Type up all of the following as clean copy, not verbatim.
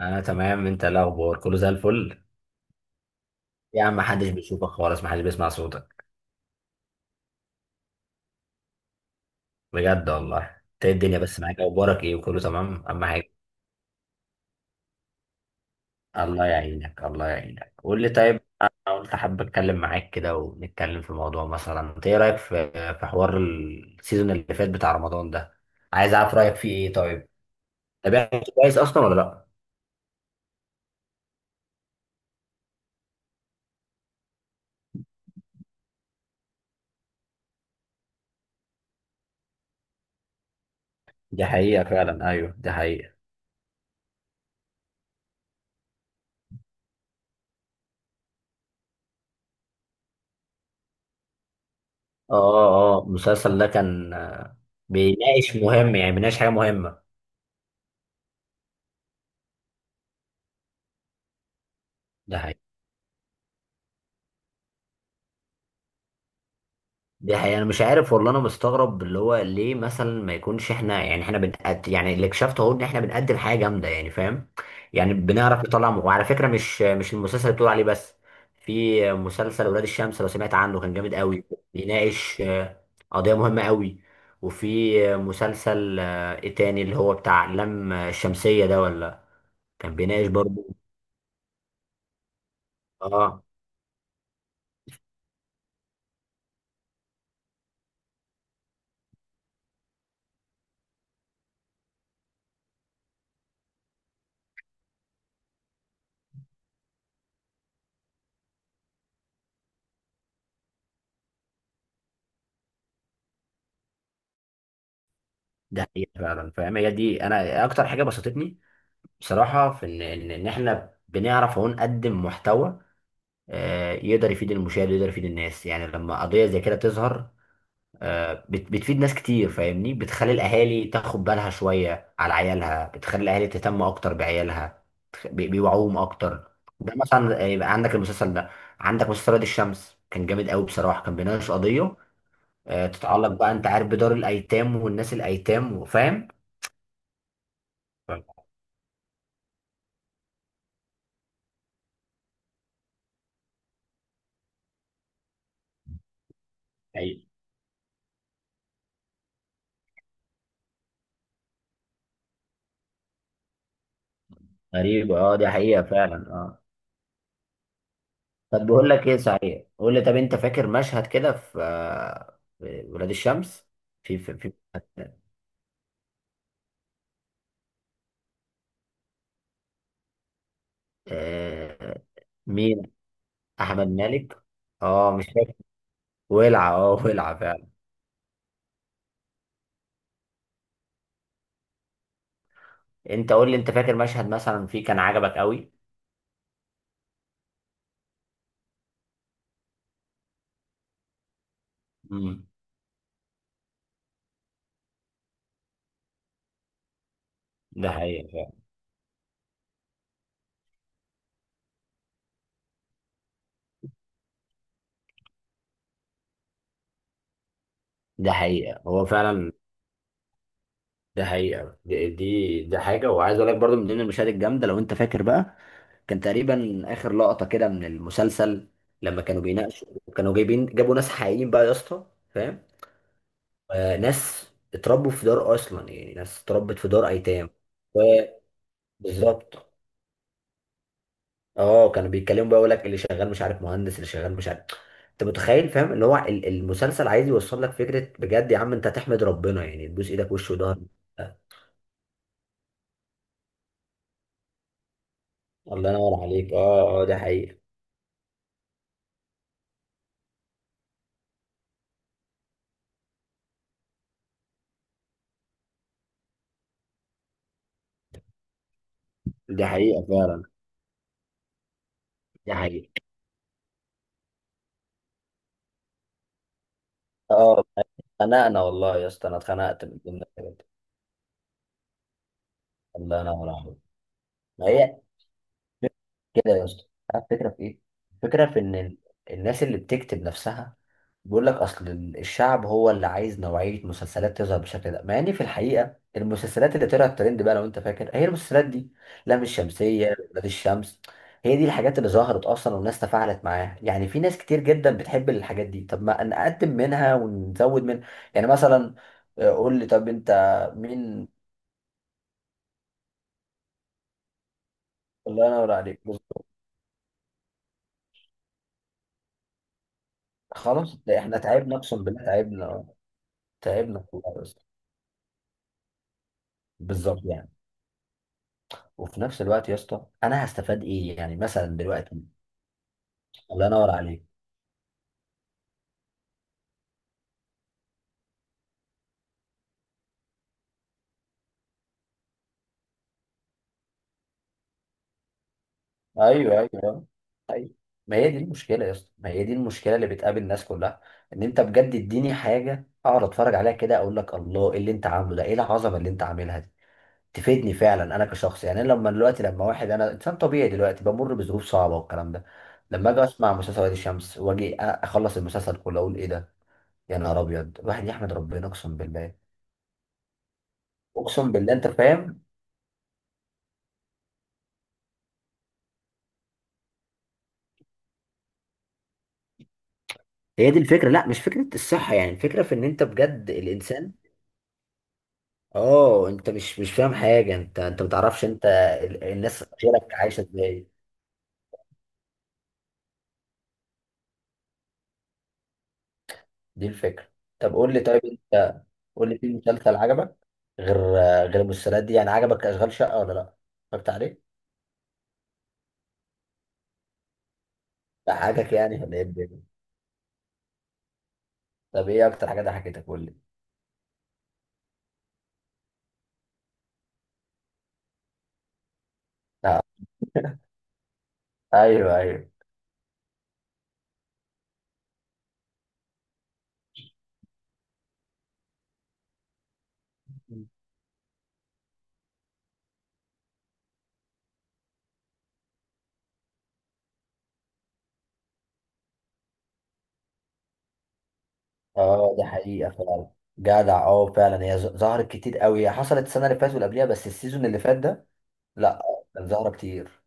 انا تمام، انت إيه الاخبار؟ كله زي الفل. يا عم محدش بيشوفك خالص، محدش بيسمع صوتك. بجد والله. انت إيه الدنيا بس معاك؟ اخبارك ايه؟ وكله تمام اهم حاجه. الله يعينك، الله يعينك. قول لي طيب، انا قلت حابب اتكلم معاك كده ونتكلم في موضوع، مثلا انت ايه رايك في حوار السيزون اللي فات بتاع رمضان ده؟ عايز اعرف رايك فيه ايه؟ طيب، تابعته كويس اصلا ولا لا؟ دي حقيقه فعلا، ايوه دي حقيقه. اه اه، المسلسل ده كان بيناقش مهم، يعني بيناقش حاجه مهمه. ده دي حقيقة، أنا مش عارف والله، أنا مستغرب اللي هو ليه مثلا ما يكونش إحنا، يعني إحنا بنقد، يعني اللي اكتشفته أهو إن إحنا بنقدم حاجة جامدة يعني، فاهم؟ يعني بنعرف نطلع وعلى فكرة، مش المسلسل اللي بتقول عليه بس. في مسلسل ولاد الشمس، لو سمعت عنه كان جامد قوي. بيناقش قضية مهمة قوي. وفي مسلسل إيه تاني اللي هو بتاع لام الشمسية ده، ولا؟ كان بيناقش برضه. آه، ده حقيقة فعلا، فاهم؟ هي دي، أنا أكتر حاجة بسطتني بصراحة في إن إحنا بنعرف أهو نقدم محتوى يقدر يفيد المشاهد ويقدر يفيد الناس، يعني لما قضية زي كده تظهر بتفيد ناس كتير، فاهمني؟ بتخلي الأهالي تاخد بالها شوية على عيالها، بتخلي الأهالي تهتم أكتر بعيالها، بيوعوهم أكتر. ده مثلا يبقى عندك المسلسل ده، عندك مسلسل وادي الشمس كان جامد قوي بصراحة، كان بيناقش قضية تتعلق بقى، أنت عارف بدار الأيتام والناس الأيتام، وفاهم. فاهم. غريب، اه دي حقيقة فعلا، اه. طب بقول لك ايه صحيح، قول لي طب، انت فاكر مشهد كده في في ولاد الشمس؟ في آه مين؟ احمد مالك. اه مش فاكر. ولع اه ولع فعلا. انت قول لي، انت فاكر مشهد مثلا فيه كان عجبك قوي؟ امم ده حقيقة فعلا. ده حقيقة هو فعلا. ده حقيقة، دي حاجة، وعايز اقول لك برضو من ضمن المشاهد الجامدة لو انت فاكر بقى، كان تقريبا اخر لقطة كده من المسلسل لما كانوا بيناقشوا. كانوا جايبين جابوا ناس حقيقيين بقى يا اسطى، فاهم؟ ناس اتربوا في دار اصلا، يعني ناس اتربت في دار ايتام. و- بالظبط. اه كانوا بيتكلموا بقى، يقول لك اللي شغال مش عارف مهندس، اللي شغال مش عارف. انت متخيل، فاهم؟ اللي هو المسلسل عايز يوصل لك فكره بجد، يا عم انت تحمد ربنا يعني تبوس ايدك وش وظهر. آه، الله ينور عليك، اه اه دي حقيقه. دي حقيقه فعلا. دي حقيقه اه. اتخنقنا والله يا اسطى، انا اتخنقت من الجمله دي. الله ينور عليك. ما هي كده يا اسطى، عارف الفكره في ايه؟ الفكره في ان الناس اللي بتكتب نفسها بيقول لك اصل الشعب هو اللي عايز نوعيه مسلسلات تظهر بالشكل ده، مع ان في الحقيقه المسلسلات اللي طلعت ترند بقى لو انت فاكر هي المسلسلات دي، لام الشمسيه، ولاد الشمس. هي دي الحاجات اللي ظهرت اصلا والناس تفاعلت معاها، يعني في ناس كتير جدا بتحب الحاجات دي، طب ما نقدم منها ونزود منها. يعني مثلا قول لي طب، انت مين؟ الله ينور عليك. خلاص ده احنا تعبنا اقسم بالله، تعبنا. تعبنا والله يا اسطى. بالظبط يعني، وفي نفس الوقت يا اسطى، انا هستفاد ايه يعني مثلا دلوقتي؟ الله ينور عليك. ايوه، ايوه، ايوه. ما هي دي المشكله يا اسطى، ما هي دي المشكله اللي بتقابل الناس كلها، ان انت بجد اديني حاجه اقعد اتفرج عليها كده اقول لك الله، ايه اللي انت عامله ده، ايه العظمه اللي انت عاملها دي؟ تفيدني فعلا انا كشخص يعني. أنا لما دلوقتي، لما واحد، انا انسان طبيعي دلوقتي بمر بظروف صعبه والكلام ده، لما اجي اسمع مسلسل وادي الشمس واجي اخلص المسلسل كله اقول ايه ده. يا نهار ابيض، الواحد يحمد ربنا اقسم بالله. اقسم بالله، انت فاهم. هي دي الفكره، لا مش فكره الصحه يعني، الفكره في ان انت بجد الانسان. اه انت مش فاهم حاجه، انت ما تعرفش انت الناس غيرك عايشه ازاي. دي الفكره. طب قول لي طيب انت، قول لي في مسلسل عجبك غير غير المسلسلات دي، يعني عجبك اشغال شقه ولا لا؟ اتفرجت عليه؟ ضحكك يعني ولا ايه الدنيا؟ طب ايه اكتر حاجه ضحكتك؟ قول لي. لا. ايوه ايوه، اه دي حقيقه فعلا. جدع، اه فعلا، هي ظهرت كتير قوي، هي حصلت السنه اللي فاتت واللي قبليها، بس السيزون اللي فات ده لا، كان ظاهرة كتير.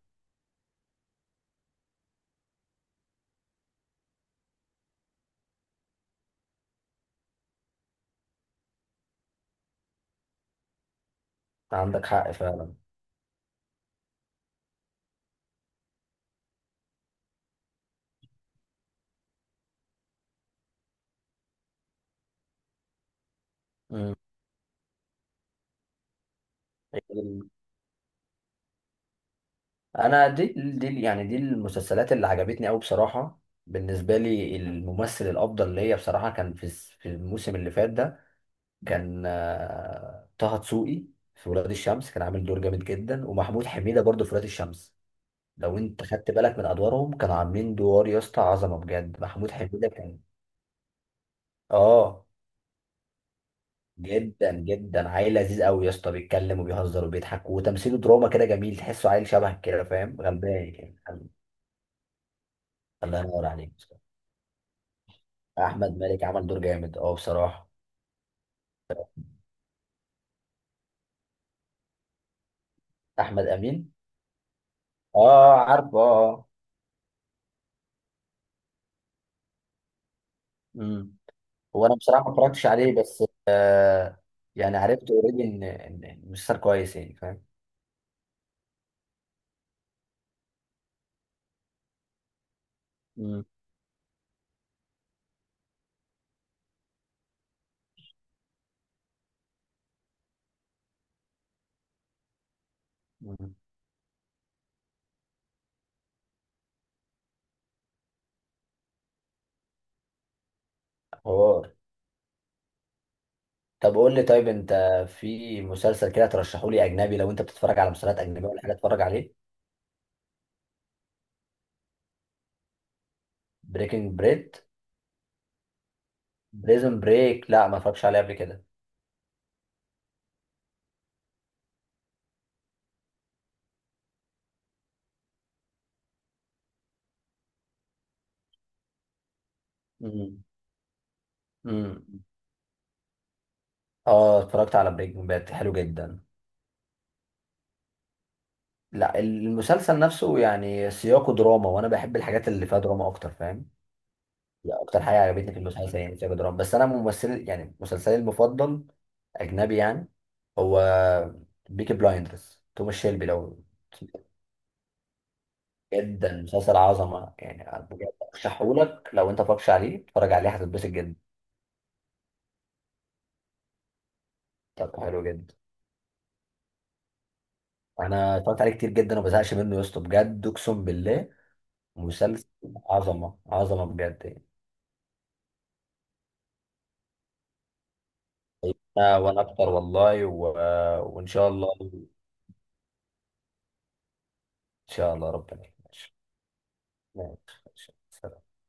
عندك حق فعلا. مم. انا، دي يعني دي المسلسلات اللي عجبتني قوي بصراحة. بالنسبة لي الممثل الافضل ليا بصراحة كان في في الموسم اللي فات ده، كان طه دسوقي في ولاد الشمس، كان عامل دور جامد جدا، ومحمود حميدة برضه في ولاد الشمس. لو انت خدت بالك من ادوارهم، كانوا عاملين دور يا اسطى عظمة بجد. محمود حميدة كان اه جدا جدا، عيل لذيذ قوي يا اسطى، بيتكلم وبيهزر وبيضحك وتمثيله دراما كده جميل، تحسه عيل شبهك كده، فاهم؟ غمباي كده. الله ينور عليك يا اسطى. احمد مالك عمل دور جامد، اه بصراحه. احمد امين، اه عارفه، اه. امم هو انا بصراحه ما اتفرجتش عليه بس يعني عرفت اوريدي ان ان إن مسلسل كويس يعني، فاهم؟ امم. أمم. حوار. طب قول لي طيب انت، في مسلسل كده ترشحه لي اجنبي لو انت بتتفرج على مسلسلات اجنبيه ولا حاجه اتفرج عليه؟ بريكنج بريد. بريزون بريك، لا ما اتفرجش عليه قبل كده. امم، امم. اه اتفرجت على بريكنج باد، حلو جدا. لا المسلسل نفسه يعني سياقه دراما، وانا بحب الحاجات اللي فيها دراما اكتر، فاهم؟ يعني اكتر حاجه عجبتني في المسلسل يعني سياق دراما، بس انا ممثل يعني مسلسلي المفضل اجنبي يعني، هو بيكي بلايندرز، توماس شيلبي. لو جدا مسلسل عظمه يعني بجد، ارشحهولك لو انت متفرجش عليه، اتفرج عليه هتتبسط جدا. طب حلو جدا. انا اتفرجت عليه كتير جدا وما بزهقش منه يا اسطى بجد اقسم بالله. مسلسل عظمه عظمه بجد يعني. انا وانا اكتر والله. و وان شاء الله، ان شاء الله ربنا يكرمك. ماشي، ماشي، سلام.